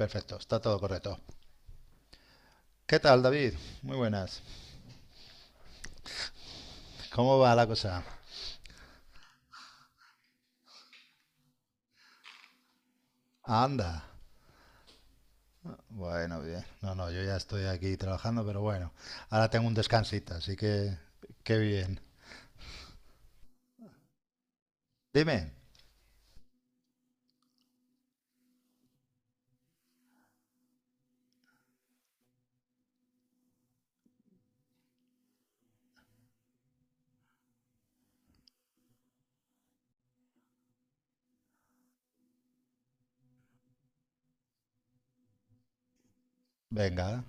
Perfecto, está todo correcto. ¿Qué tal, David? Muy buenas. ¿Cómo va la cosa? Anda. Bueno, bien. No, no, yo ya estoy aquí trabajando, pero bueno. Ahora tengo un descansito, así que qué bien. Dime. Venga.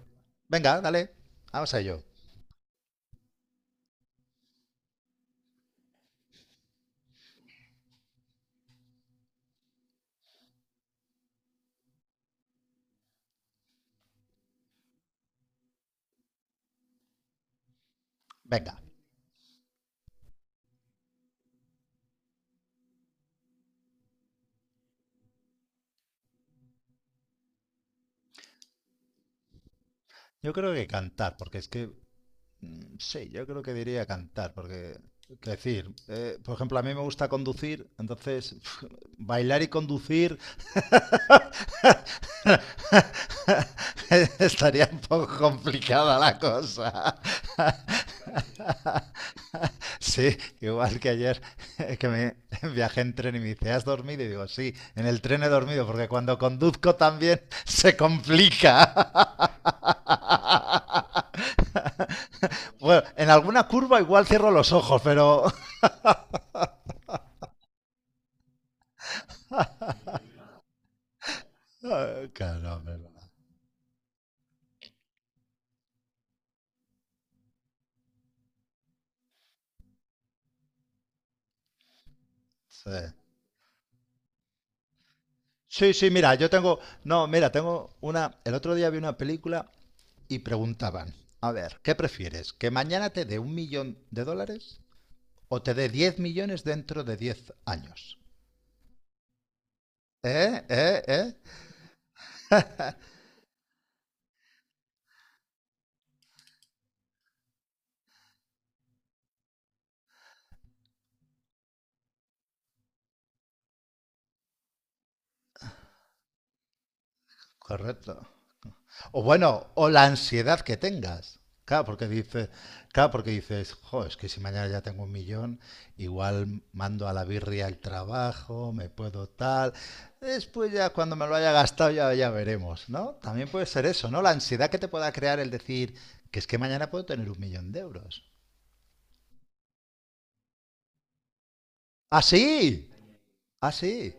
Venga, dale. Vamos a ello. Venga. Yo creo que cantar, porque es que. Sí, yo creo que diría cantar, porque. Por ejemplo, a mí me gusta conducir, entonces bailar y conducir. Estaría un poco complicada la cosa. Sí, igual que ayer que me viajé en tren y me dice, ¿has dormido? Y digo, sí, en el tren he dormido porque cuando conduzco también se complica. Bueno, en alguna curva igual cierro los ojos, pero. Claro, ¿verdad? Sí. Sí, sí, mira, yo tengo. No, mira, tengo una. El otro día vi una película y preguntaban, a ver, ¿qué prefieres? ¿Que mañana te dé un millón de dólares o te dé 10 millones dentro de 10 años? ¿Eh? ¿Eh? ¿Eh? Correcto. O bueno, o la ansiedad que tengas. Claro, porque dices, claro, porque dices, jo, es que si mañana ya tengo un millón, igual mando a la birria el trabajo, me puedo tal. Después ya cuando me lo haya gastado ya, ya veremos, ¿no? También puede ser eso, ¿no? La ansiedad que te pueda crear el decir que es que mañana puedo tener un millón de euros. Ah, sí. Ah, sí.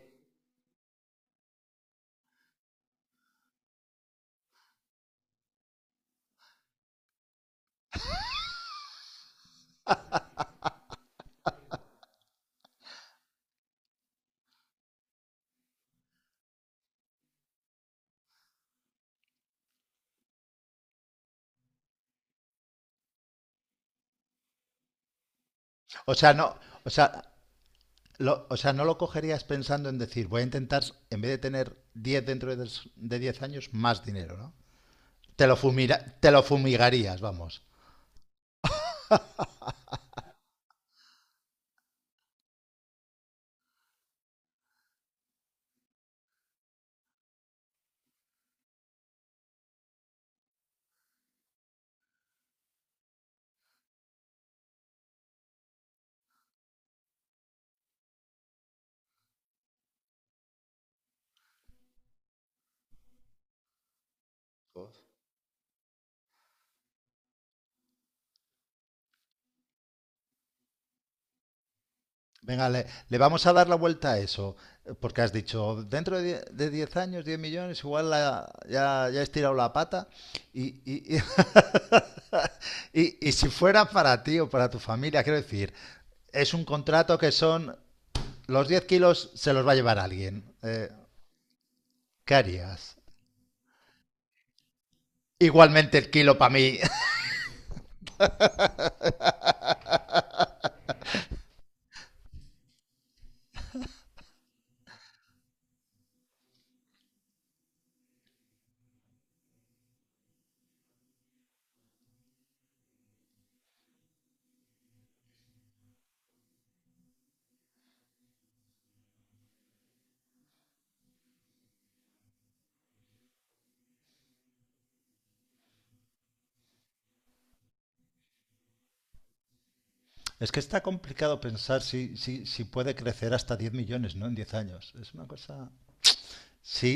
O sea, no, o sea, o sea, no lo cogerías pensando en decir, voy a intentar, en vez de tener 10 dentro de, de 10 años, más dinero, ¿no? Te lo fumigarías, vamos. Venga, le vamos a dar la vuelta a eso, porque has dicho, dentro de de 10 años, 10 millones, ya, ya has tirado la pata. Y, y- y si fuera para ti o para tu familia, quiero decir, es un contrato que son, los 10 kilos se los va a llevar alguien. ¿Qué harías? Igualmente el kilo para mí. Es que está complicado pensar si, si puede crecer hasta 10 millones, ¿no? En 10 años. Es una cosa. Sí,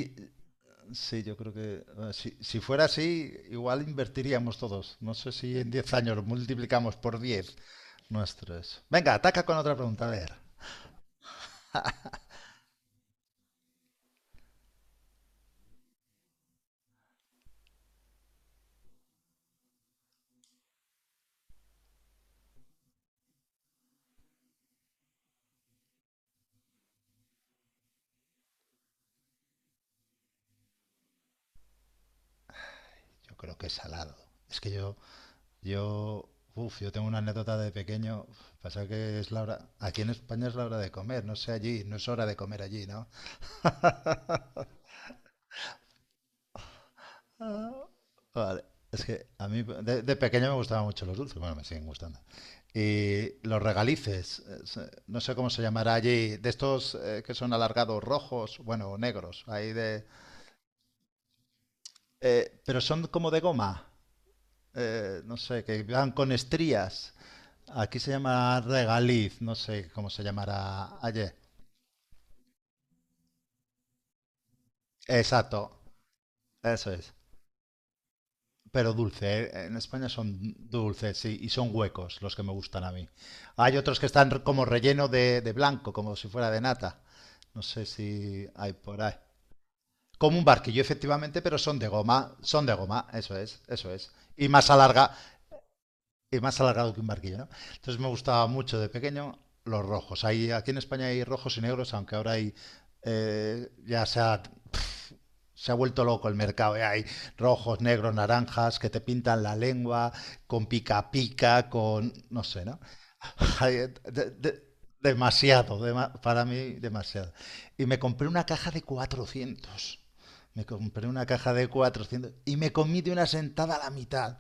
sí, yo creo que. Si fuera así, igual invertiríamos todos. No sé si en 10 años lo multiplicamos por 10 nuestros. Venga, ataca con otra pregunta. A ver. Yo creo que es salado. Es que yo... Yo... Uf, yo tengo una anécdota de pequeño. Pasa que es la hora... Aquí en España es la hora de comer. No sé allí. No es hora de comer allí, ¿no? Ah, vale. Es que a mí de pequeño me gustaban mucho los dulces, bueno, me siguen gustando. Y los regalices, no sé cómo se llamará allí, de estos que son alargados rojos, bueno, negros, ahí de. Pero son como de goma, no sé, que van con estrías. Aquí se llama regaliz, no sé cómo se llamará allí. Exacto, eso es. Pero dulce, ¿eh? En España son dulces, sí, y son huecos los que me gustan a mí. Hay otros que están como relleno de, blanco, como si fuera de nata. No sé si hay por ahí. Como un barquillo, efectivamente, pero son de goma. Son de goma, eso es, eso es. Y más alarga, y más alargado que un barquillo, ¿no? Entonces me gustaba mucho de pequeño los rojos. Aquí en España hay rojos y negros, aunque ahora hay, ya se ha, pf, se ha vuelto loco el mercado. Ya hay rojos, negros, naranjas que te pintan la lengua con pica pica, con, no sé, ¿no? Hay, eh, de- de- demasiado, para mí demasiado. Y me compré una caja de 400. Me compré una caja de 400 y me comí de una sentada a la mitad.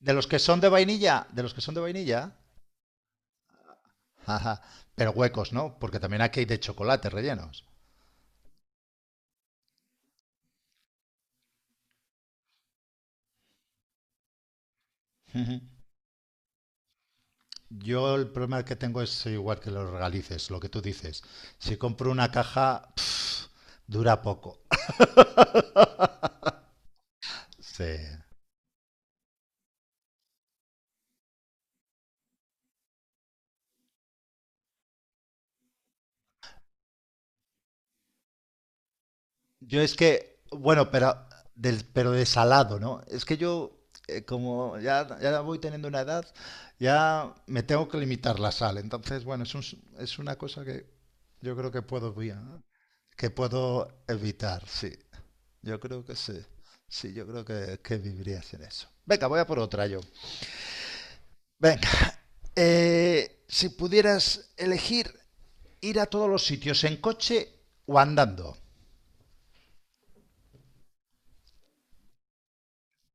De los que son de vainilla, jaja, pero huecos, ¿no? Porque también aquí hay de chocolate rellenos. Uh-huh. Yo el problema que tengo es igual que los regalices, lo que tú dices. Si compro una caja, pff, dura poco. Sí. Yo es que, bueno, pero, pero de salado, ¿no? Es que yo, como ya voy teniendo una edad, ya me tengo que limitar la sal. Entonces, bueno, es una cosa que yo creo que puedo bien, que puedo evitar, sí. Yo creo que sí. Sí, yo creo que viviría sin eso. Venga, voy a por otra yo. Venga. Si pudieras elegir ir a todos los sitios en coche o andando.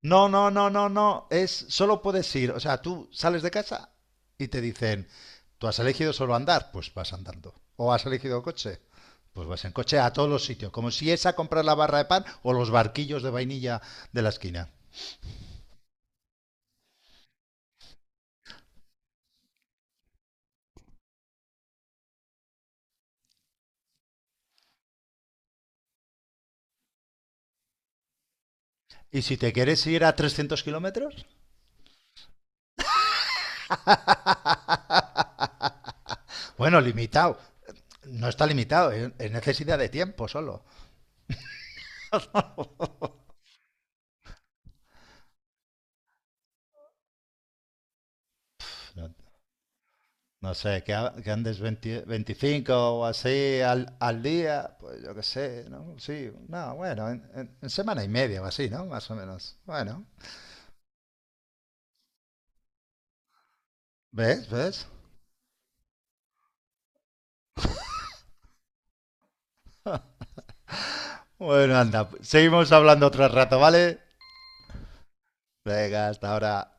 No, no, no, no, no. Es solo puedes ir. O sea, tú sales de casa y te dicen, tú has elegido solo andar, pues vas andando. O has elegido coche, pues vas en coche a todos los sitios. Como si es a comprar la barra de pan o los barquillos de vainilla de la esquina. Y si te quieres ir a 300 kilómetros, bueno, limitado. No está limitado, es necesidad de tiempo solo. No No sé, que, que andes 20 25 o así al día, pues yo qué sé, ¿no? Sí, no, bueno, en, en semana y media o así, ¿no? Más o menos. Bueno, ¿ves? ¿Ves? Bueno, anda, pues, seguimos hablando otro rato, ¿vale? Venga, hasta ahora.